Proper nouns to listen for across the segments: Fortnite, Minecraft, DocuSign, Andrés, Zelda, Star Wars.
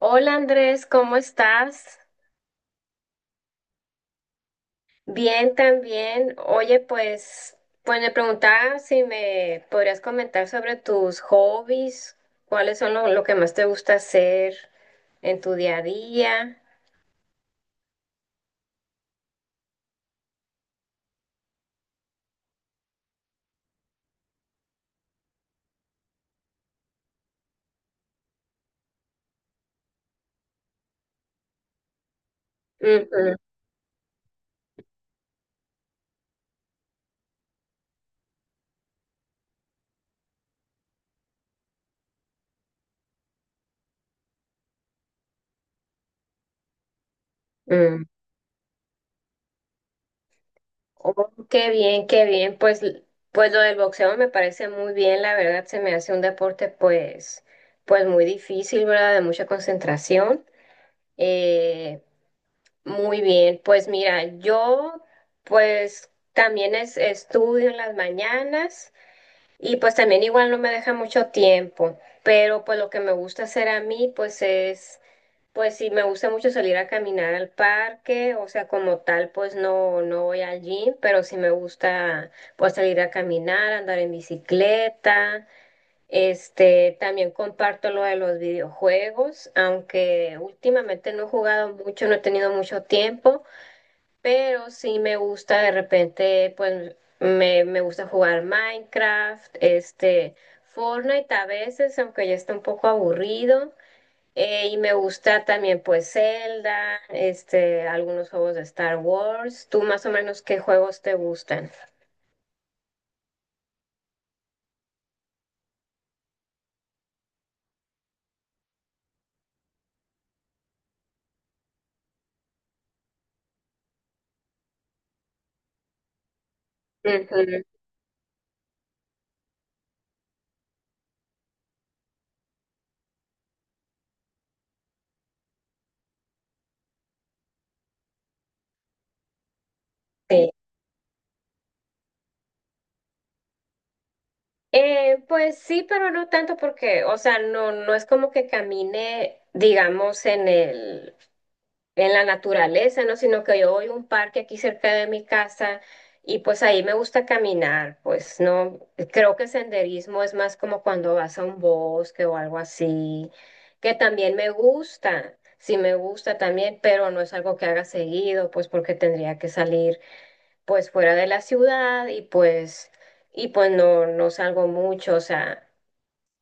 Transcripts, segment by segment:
Hola Andrés, ¿cómo estás? Bien también. Oye, pues, me preguntaba si me podrías comentar sobre tus hobbies, cuáles son lo que más te gusta hacer en tu día a día. Ujú. Mm. Mm. Oh, qué bien, qué bien. Pues lo del boxeo me parece muy bien, la verdad, se me hace un deporte pues, muy difícil, ¿verdad? De mucha concentración. Eh, Muy bien, pues mira, yo pues también estudio en las mañanas y pues también igual no me deja mucho tiempo, pero pues lo que me gusta hacer a mí pues es, pues sí, me gusta mucho salir a caminar al parque, o sea, como tal pues no, no voy al gym, pero sí me gusta pues salir a caminar, andar en bicicleta. Este, también comparto lo de los videojuegos, aunque últimamente no he jugado mucho, no he tenido mucho tiempo. Pero sí me gusta de repente, pues me gusta jugar Minecraft, este, Fortnite a veces, aunque ya está un poco aburrido. Y me gusta también pues Zelda, este, algunos juegos de Star Wars. ¿Tú más o menos qué juegos te gustan? Ujú. Sí. Pues sí, pero no tanto porque, o sea, no, no es como que camine, digamos, en la naturaleza, ¿no? Sino que yo voy a un parque aquí cerca de mi casa y pues ahí me gusta caminar, pues no, creo que senderismo es más como cuando vas a un bosque o algo así, que también me gusta. Sí me gusta también, pero no es algo que haga seguido, pues porque tendría que salir pues fuera de la ciudad y pues no salgo mucho, o sea,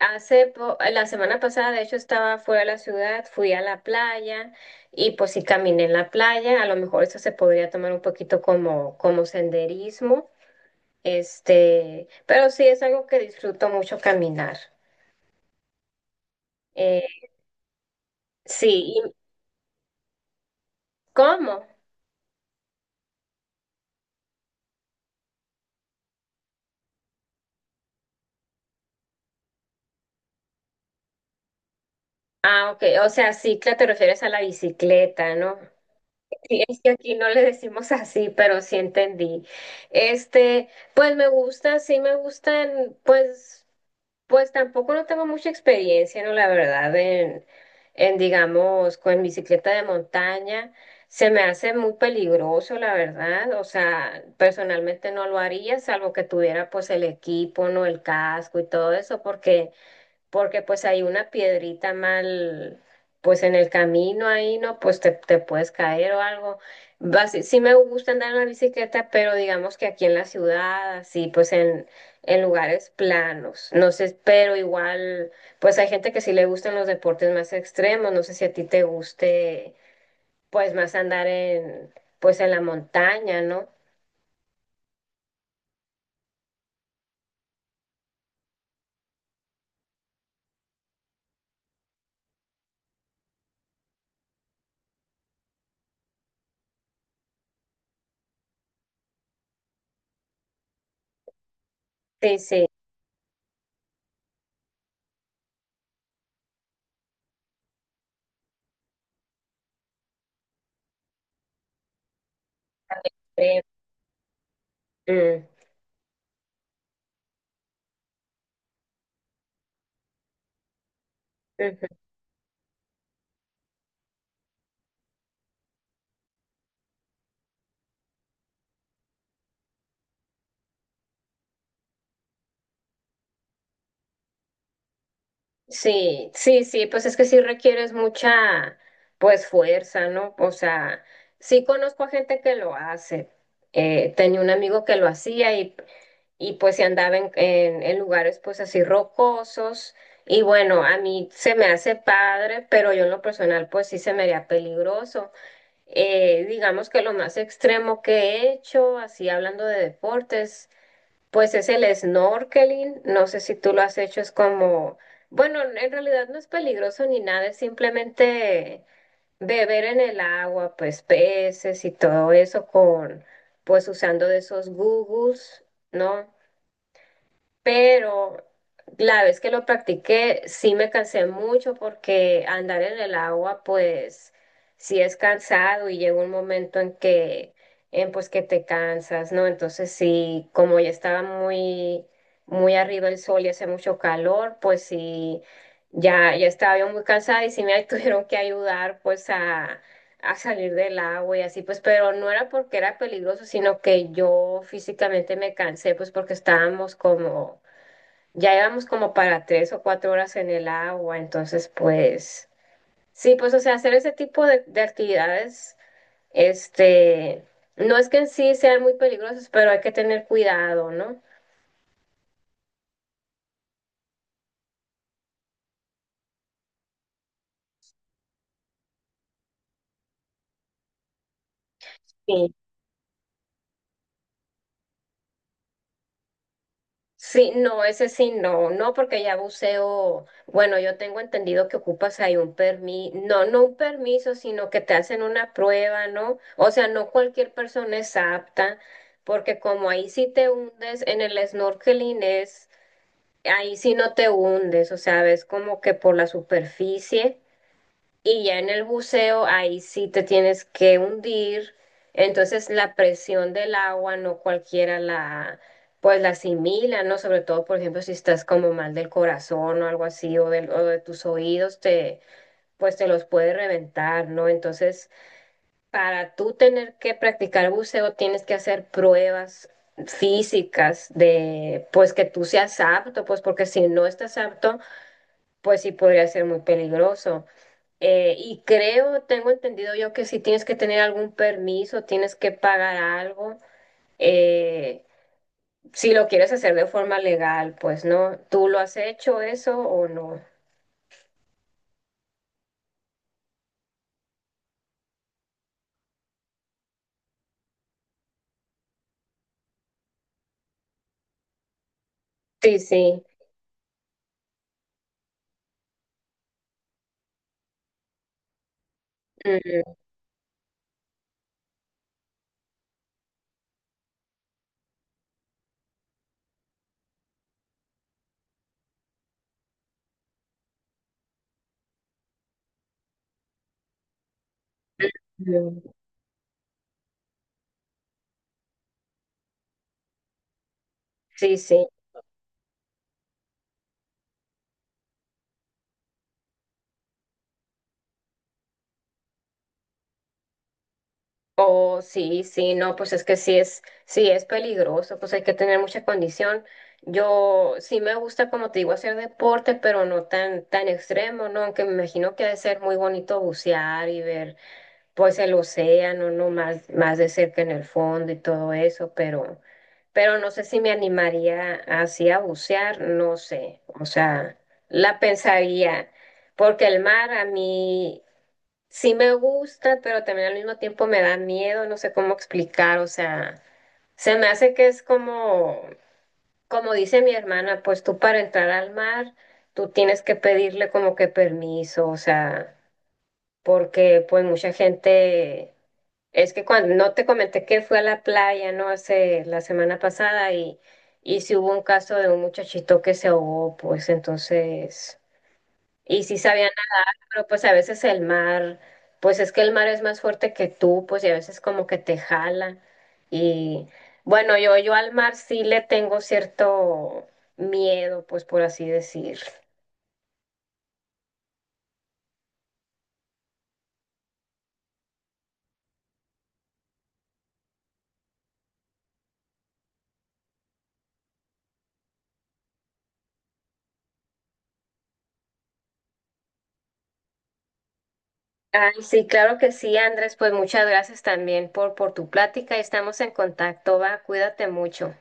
La semana pasada, de hecho, estaba fuera de la ciudad, fui a la playa y pues sí caminé en la playa. A lo mejor eso se podría tomar un poquito como, como senderismo, este, pero sí es algo que disfruto mucho caminar. Eh, sí, ¿y cómo? Ah, ok, o sea, cicla te refieres a la bicicleta, ¿no? Sí, es que aquí no le decimos así, pero sí entendí. Este, pues me gusta, sí me gustan, pues. Pues tampoco no tengo mucha experiencia, ¿no? La verdad, en, digamos, con bicicleta de montaña. Se me hace muy peligroso, la verdad. O sea, personalmente no lo haría, salvo que tuviera pues el equipo, ¿no? El casco y todo eso, porque pues hay una piedrita mal, pues en el camino ahí, ¿no? Pues te puedes caer o algo. Sí me gusta andar en la bicicleta, pero digamos que aquí en la ciudad, así, pues en lugares planos, no sé, pero igual, pues hay gente que sí le gustan los deportes más extremos, no sé si a ti te guste, pues más andar en, pues en la montaña, ¿no? Sí, sí. eh, mm. Sí, sí, sí, pues es que sí requieres mucha, pues fuerza, ¿no? O sea, sí conozco a gente que lo hace. Tenía un amigo que lo hacía y pues se andaba en lugares pues así rocosos. Y bueno, a mí se me hace padre, pero yo en lo personal pues sí se me haría peligroso. Digamos que lo más extremo que he hecho, así hablando de deportes. Pues es el snorkeling, no sé si tú lo has hecho, es como, bueno, en realidad no es peligroso ni nada, es simplemente beber en el agua, pues peces y todo eso con, pues usando de esos googles, ¿no? Pero la vez que lo practiqué sí me cansé mucho porque andar en el agua pues sí es cansado y llega un momento en que en pues que te cansas, ¿no? Entonces sí, como ya estaba muy arriba el sol y hace mucho calor, pues sí ya estaba yo muy cansada y sí me tuvieron que ayudar pues a salir del agua y así, pues, pero no era porque era peligroso, sino que yo físicamente me cansé, pues, porque estábamos como ya llevamos como para tres o cuatro horas en el agua, entonces pues sí, pues o sea, hacer ese tipo de actividades, este, no es que en sí sean muy peligrosos pero hay que tener cuidado, ¿no? Sí. Sí, no, ese sí, no, no, porque ya buceo, bueno, yo tengo entendido que ocupas ahí un permiso, no, no un permiso, sino que te hacen una prueba, ¿no? O sea, no cualquier persona es apta, porque como ahí sí te hundes en el snorkeling es. Ahí sí no te hundes, o sea, ves como que por la superficie y ya en el buceo ahí sí te tienes que hundir. Entonces la presión del agua no cualquiera la pues la asimila, ¿no? Sobre todo, por ejemplo, si estás como mal del corazón o algo así o, del- o de tus oídos te pues te los puede reventar, ¿no? Entonces para tú tener que practicar buceo, tienes que hacer pruebas físicas de, pues, que tú seas apto, pues, porque si no estás apto, pues sí podría ser muy peligroso. Y creo, tengo entendido yo que si tienes que tener algún permiso, tienes que pagar algo, eh, si lo quieres hacer de forma legal, pues, ¿no? ¿Tú lo has hecho eso o no? Sí, sí. Mm, mm, mm. Sí, sí. Oh, sí, sí, no, pues es que sí es peligroso, pues hay que tener mucha condición. Yo sí me gusta, como te digo, hacer deporte, pero no tan, tan extremo, ¿no? Aunque me imagino que ha de ser muy bonito bucear y ver, pues, el océano, ¿no? Más, más de cerca en el fondo y todo eso, pero no sé si me animaría así a bucear, no sé, o sea, la pensaría, porque el mar a mí... Sí me gusta, pero también al mismo tiempo me da miedo, no sé cómo explicar, o sea, se me hace que es como, como dice mi hermana, pues tú para entrar al mar, tú tienes que pedirle como que permiso, o sea, porque pues mucha gente, es que cuando, no te comenté que fui a la playa, ¿no? Hace la semana pasada y sí hubo un caso de un muchachito que se ahogó, pues entonces, y sí sabían pero pues a veces el mar, pues es que el mar es más fuerte que tú, pues y a veces como que te jala. Y bueno, yo al mar sí le tengo cierto miedo, pues por así decir. Ay, sí, claro que sí, Andrés, pues muchas gracias también por tu plática y estamos en contacto, va, cuídate mucho.